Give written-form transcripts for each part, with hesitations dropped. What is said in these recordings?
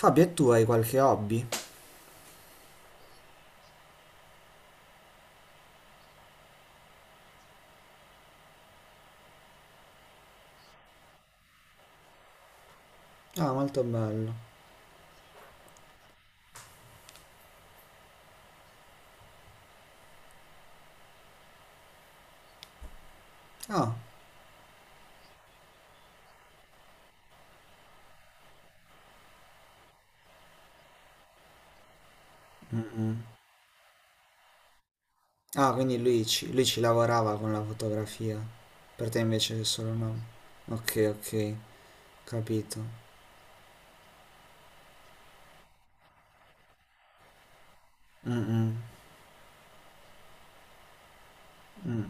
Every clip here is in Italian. Fabio, e tu hai qualche hobby? Ah, molto bello. Ah, ah, quindi lui ci lavorava con la fotografia. Per te invece è solo no. Ok, ok, capito. Mm, mm, mm.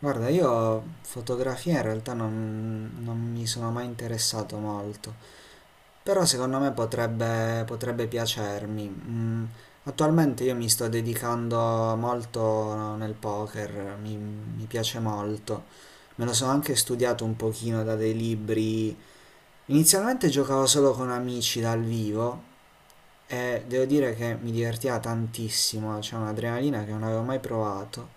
Guarda, io fotografia in realtà non mi sono mai interessato molto, però secondo me potrebbe piacermi. Attualmente io mi sto dedicando molto nel poker, mi piace molto. Me lo sono anche studiato un pochino da dei libri. Inizialmente giocavo solo con amici dal vivo e devo dire che mi divertiva tantissimo, c'è un'adrenalina che non avevo mai provato.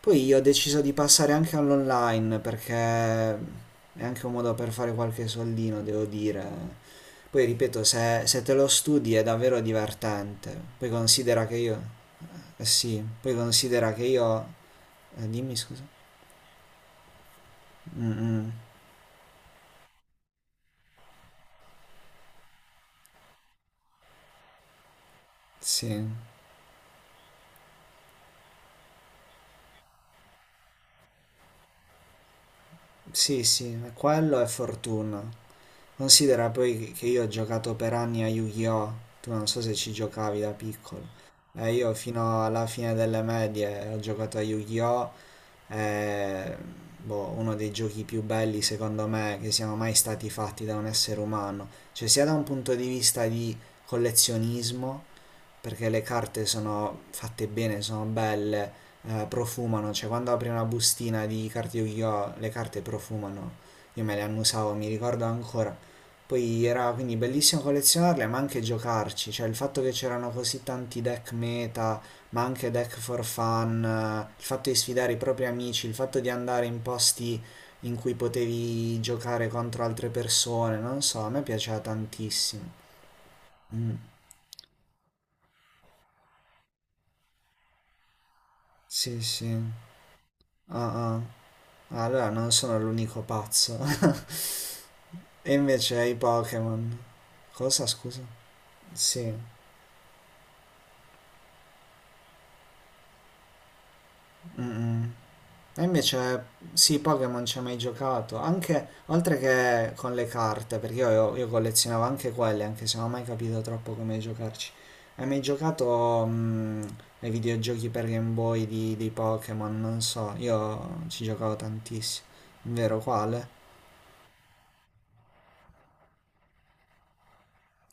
Poi io ho deciso di passare anche all'online perché è anche un modo per fare qualche soldino, devo dire. Poi ripeto, se te lo studi è davvero divertente. Poi considera che io. Sì, poi considera che io. Dimmi scusa. Mm, mm, sì. Sì, sì, quello è fortuna. Considera poi che io ho giocato per anni a Yu-Gi-Oh! Tu non so se ci giocavi da piccolo. Io fino alla fine delle medie ho giocato a Yu-Gi-Oh! È boh, uno dei giochi più belli secondo me che siano mai stati fatti da un essere umano, cioè sia da un punto di vista di collezionismo, perché le carte sono fatte bene, sono belle, profumano, cioè quando apri una bustina di carte Yu-Gi-Oh! Le carte profumano, io me le annusavo, mi ricordo ancora. Poi era quindi bellissimo collezionarle, ma anche giocarci, cioè il fatto che c'erano così tanti deck meta, ma anche deck for fun, il fatto di sfidare i propri amici, il fatto di andare in posti in cui potevi giocare contro altre persone, non so, a me piaceva tantissimo. Mm, sì, sì. Ah, ah. Ah, allora non sono l'unico pazzo. E invece ai Pokémon. Cosa, scusa? Sì. Mm, mm. E invece sì, Pokémon ci ho mai giocato. Anche oltre che con le carte, perché io collezionavo anche quelle, anche se non ho mai capito troppo come giocarci. Hai mai giocato ai videogiochi per Game Boy di Pokémon? Non so, io ci giocavo tantissimo. Vero quale?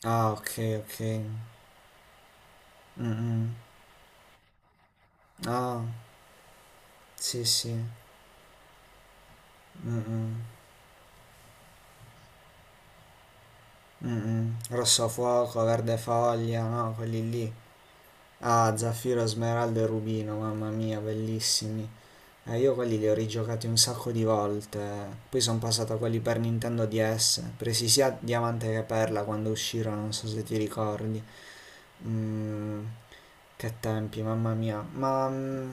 Ah, ok, ok. Mh-mh. Ah, sì, sì. Mh-mh. Mh-mh. Rossofuoco, Verdefoglia, no, quelli lì. Ah, Zaffiro, Smeraldo e Rubino, mamma mia, bellissimi. Io quelli li ho rigiocati un sacco di volte. Poi sono passato a quelli per Nintendo DS, presi sia Diamante che Perla quando uscirono, non so se ti ricordi. Mhmm, che tempi, mamma mia.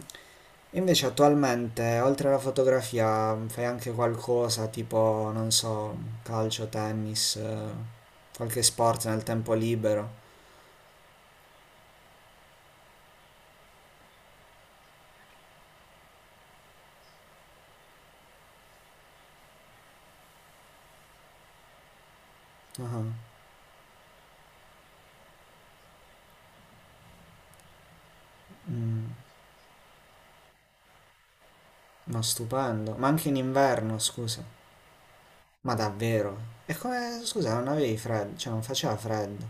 E invece attualmente, oltre alla fotografia, fai anche qualcosa tipo, non so, calcio, tennis, qualche sport nel tempo libero. Ah, mm, ma stupendo. Ma anche in inverno, scusa. Ma davvero? E come, scusa, non avevi freddo? Cioè, non faceva freddo?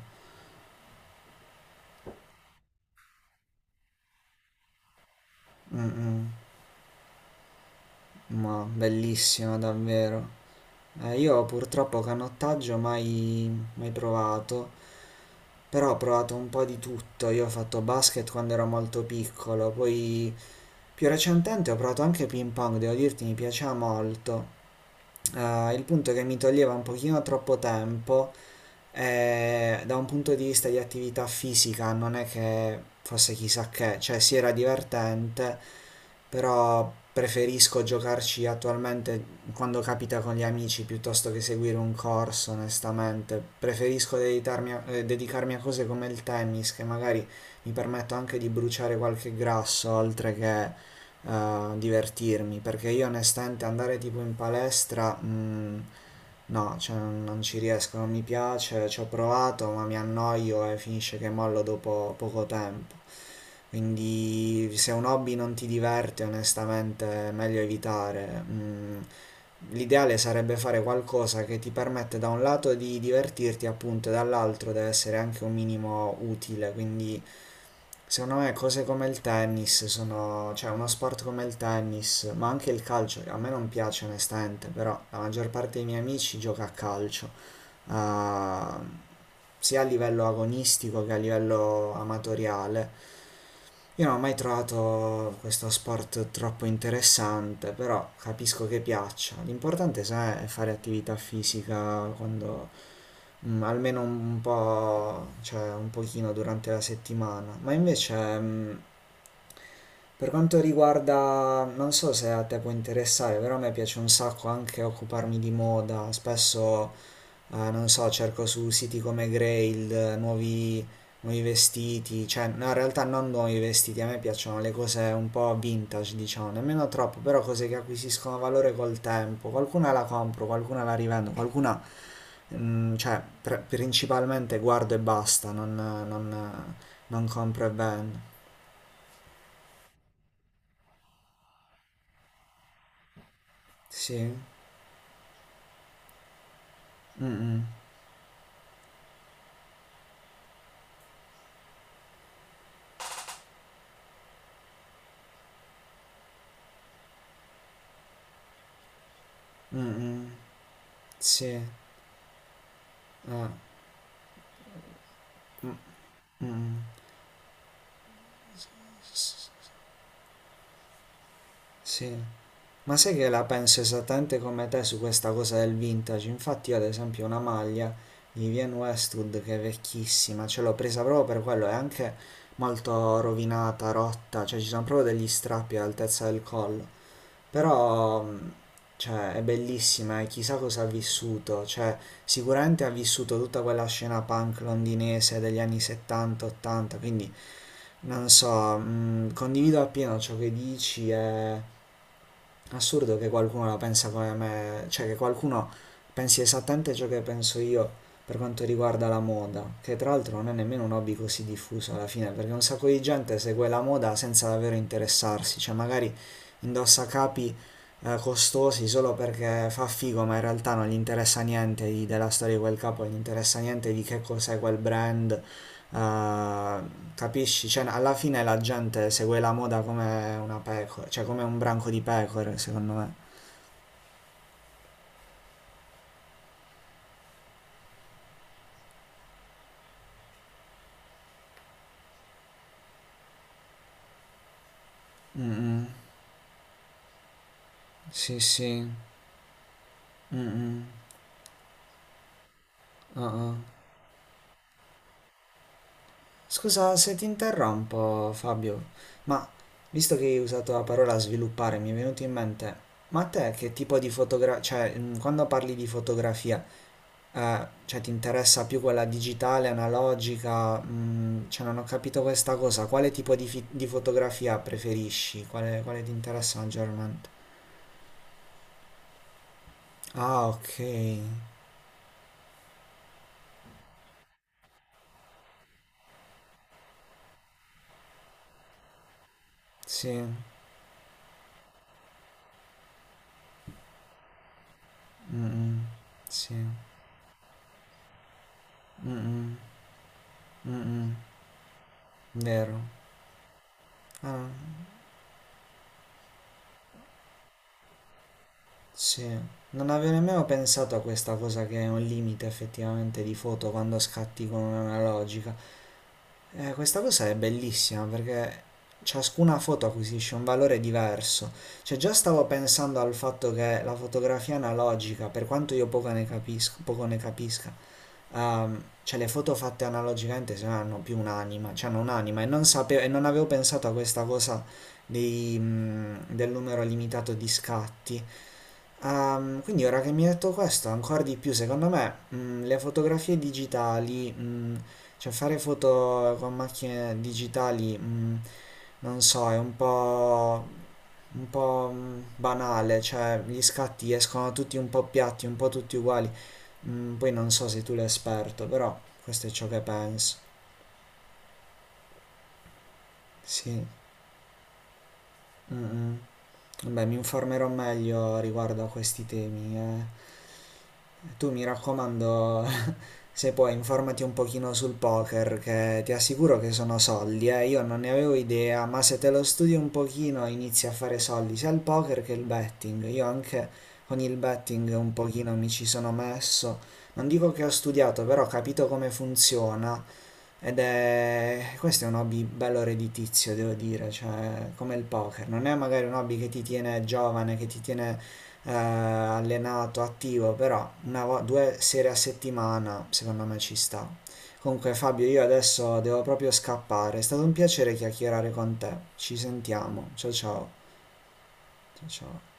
Mm, mm. Ma bellissimo, davvero. Io purtroppo canottaggio mai, provato, però ho provato un po' di tutto. Io ho fatto basket quando ero molto piccolo, poi più recentemente ho provato anche ping pong, devo dirti mi piaceva molto. Il punto è che mi toglieva un pochino troppo tempo e da un punto di vista di attività fisica non è che fosse chissà che, cioè sì era divertente, però preferisco giocarci attualmente quando capita con gli amici piuttosto che seguire un corso, onestamente. Preferisco dedicarmi a cose come il tennis, che magari mi permetto anche di bruciare qualche grasso, oltre che divertirmi, perché io onestamente andare tipo in palestra, no, cioè, non ci riesco, non mi piace, ci ho provato, ma mi annoio e finisce che mollo dopo poco tempo. Quindi se un hobby non ti diverte, onestamente, è meglio evitare. L'ideale sarebbe fare qualcosa che ti permette da un lato di divertirti, appunto, e dall'altro deve essere anche un minimo utile, quindi secondo me cose come il tennis sono, cioè uno sport come il tennis, ma anche il calcio, che a me non piace onestamente, però la maggior parte dei miei amici gioca a calcio, ah, sia a livello agonistico che a livello amatoriale. Io non ho mai trovato questo sport troppo interessante, però capisco che piaccia. L'importante, sai, è fare attività fisica quando, almeno un po', cioè un pochino durante la settimana. Ma invece, mm, per quanto riguarda, non so se a te può interessare, però a me piace un sacco anche occuparmi di moda. Spesso, non so, cerco su siti come Grail, nuovi vestiti, cioè no, in realtà non nuovi vestiti, a me piacciono le cose un po' vintage, diciamo, nemmeno troppo, però cose che acquisiscono valore col tempo. Qualcuna la compro, qualcuna la rivendo, qualcuna, cioè, principalmente guardo e basta, non compro e vendo. Sì. Mm, mm. Mh-mh. Sì, ah, mh-mh, sì. Ma sai che la penso esattamente come te su questa cosa del vintage? Infatti io ad esempio una maglia di Vivienne Westwood che è vecchissima, ce l'ho presa proprio per quello, è anche molto rovinata, rotta, cioè ci sono proprio degli strappi all'altezza del collo, però cioè, è bellissima e chissà cosa ha vissuto, cioè sicuramente ha vissuto tutta quella scena punk londinese degli anni 70-80, quindi non so, condivido appieno ciò che dici, è assurdo che qualcuno la pensa come me, cioè che qualcuno pensi esattamente ciò che penso io per quanto riguarda la moda, che tra l'altro non è nemmeno un hobby così diffuso alla fine, perché un sacco di gente segue la moda senza davvero interessarsi, cioè magari indossa capi costosi solo perché fa figo, ma in realtà non gli interessa niente di- della storia di quel capo, non gli interessa niente di che cos'è quel brand. eh, Capisci? Cioè, alla fine la gente segue la moda come una pecora, cioè come un branco di pecore, secondo me. Mm-mm. Sì, sì. Mm-mm. Uh-uh. Scusa se ti interrompo, Fabio, ma visto che hai usato la parola sviluppare, mi è venuto in mente, ma a te che tipo di fotografia, cioè, quando parli di fotografia, cioè ti interessa più quella digitale, analogica, cioè non ho capito questa cosa, quale tipo di fotografia preferisci? Quale ti interessa maggiormente? Ah, ok, sì, Mm, sì, Mm, mm. Vero, ah, sì, non avevo nemmeno pensato a questa cosa che è un limite effettivamente di foto quando scatti con un'analogica. Questa cosa è bellissima perché ciascuna foto acquisisce un valore diverso. Cioè, già stavo pensando al fatto che la fotografia analogica, per quanto io poco ne capisco, poco ne capisca, cioè le foto fatte analogicamente se no hanno più un'anima, cioè hanno un'anima e non sapevo, e non avevo pensato a questa cosa del numero limitato di scatti. Quindi ora che mi hai detto questo, ancora di più, secondo me, le fotografie digitali, cioè fare foto con macchine digitali, non so, è un po', banale, cioè gli scatti escono tutti un po' piatti, un po' tutti uguali. Mm, poi non so se tu l'hai esperto, però questo è ciò che penso. Sì. Mm, mm. Vabbè, mi informerò meglio riguardo a questi temi. Tu, mi raccomando, se puoi, informati un pochino sul poker, che ti assicuro che sono soldi, eh. Io non ne avevo idea, ma se te lo studi un pochino inizi a fare soldi sia il poker che il betting. Io anche con il betting un pochino mi ci sono messo. Non dico che ho studiato, però ho capito come funziona ed è. Questo è un hobby bello redditizio, devo dire, cioè come il poker. Non è magari un hobby che ti tiene giovane, che ti tiene allenato, attivo, però due sere a settimana secondo me ci sta. Comunque Fabio, io adesso devo proprio scappare. È stato un piacere chiacchierare con te. Ci sentiamo. Ciao ciao. Ciao ciao.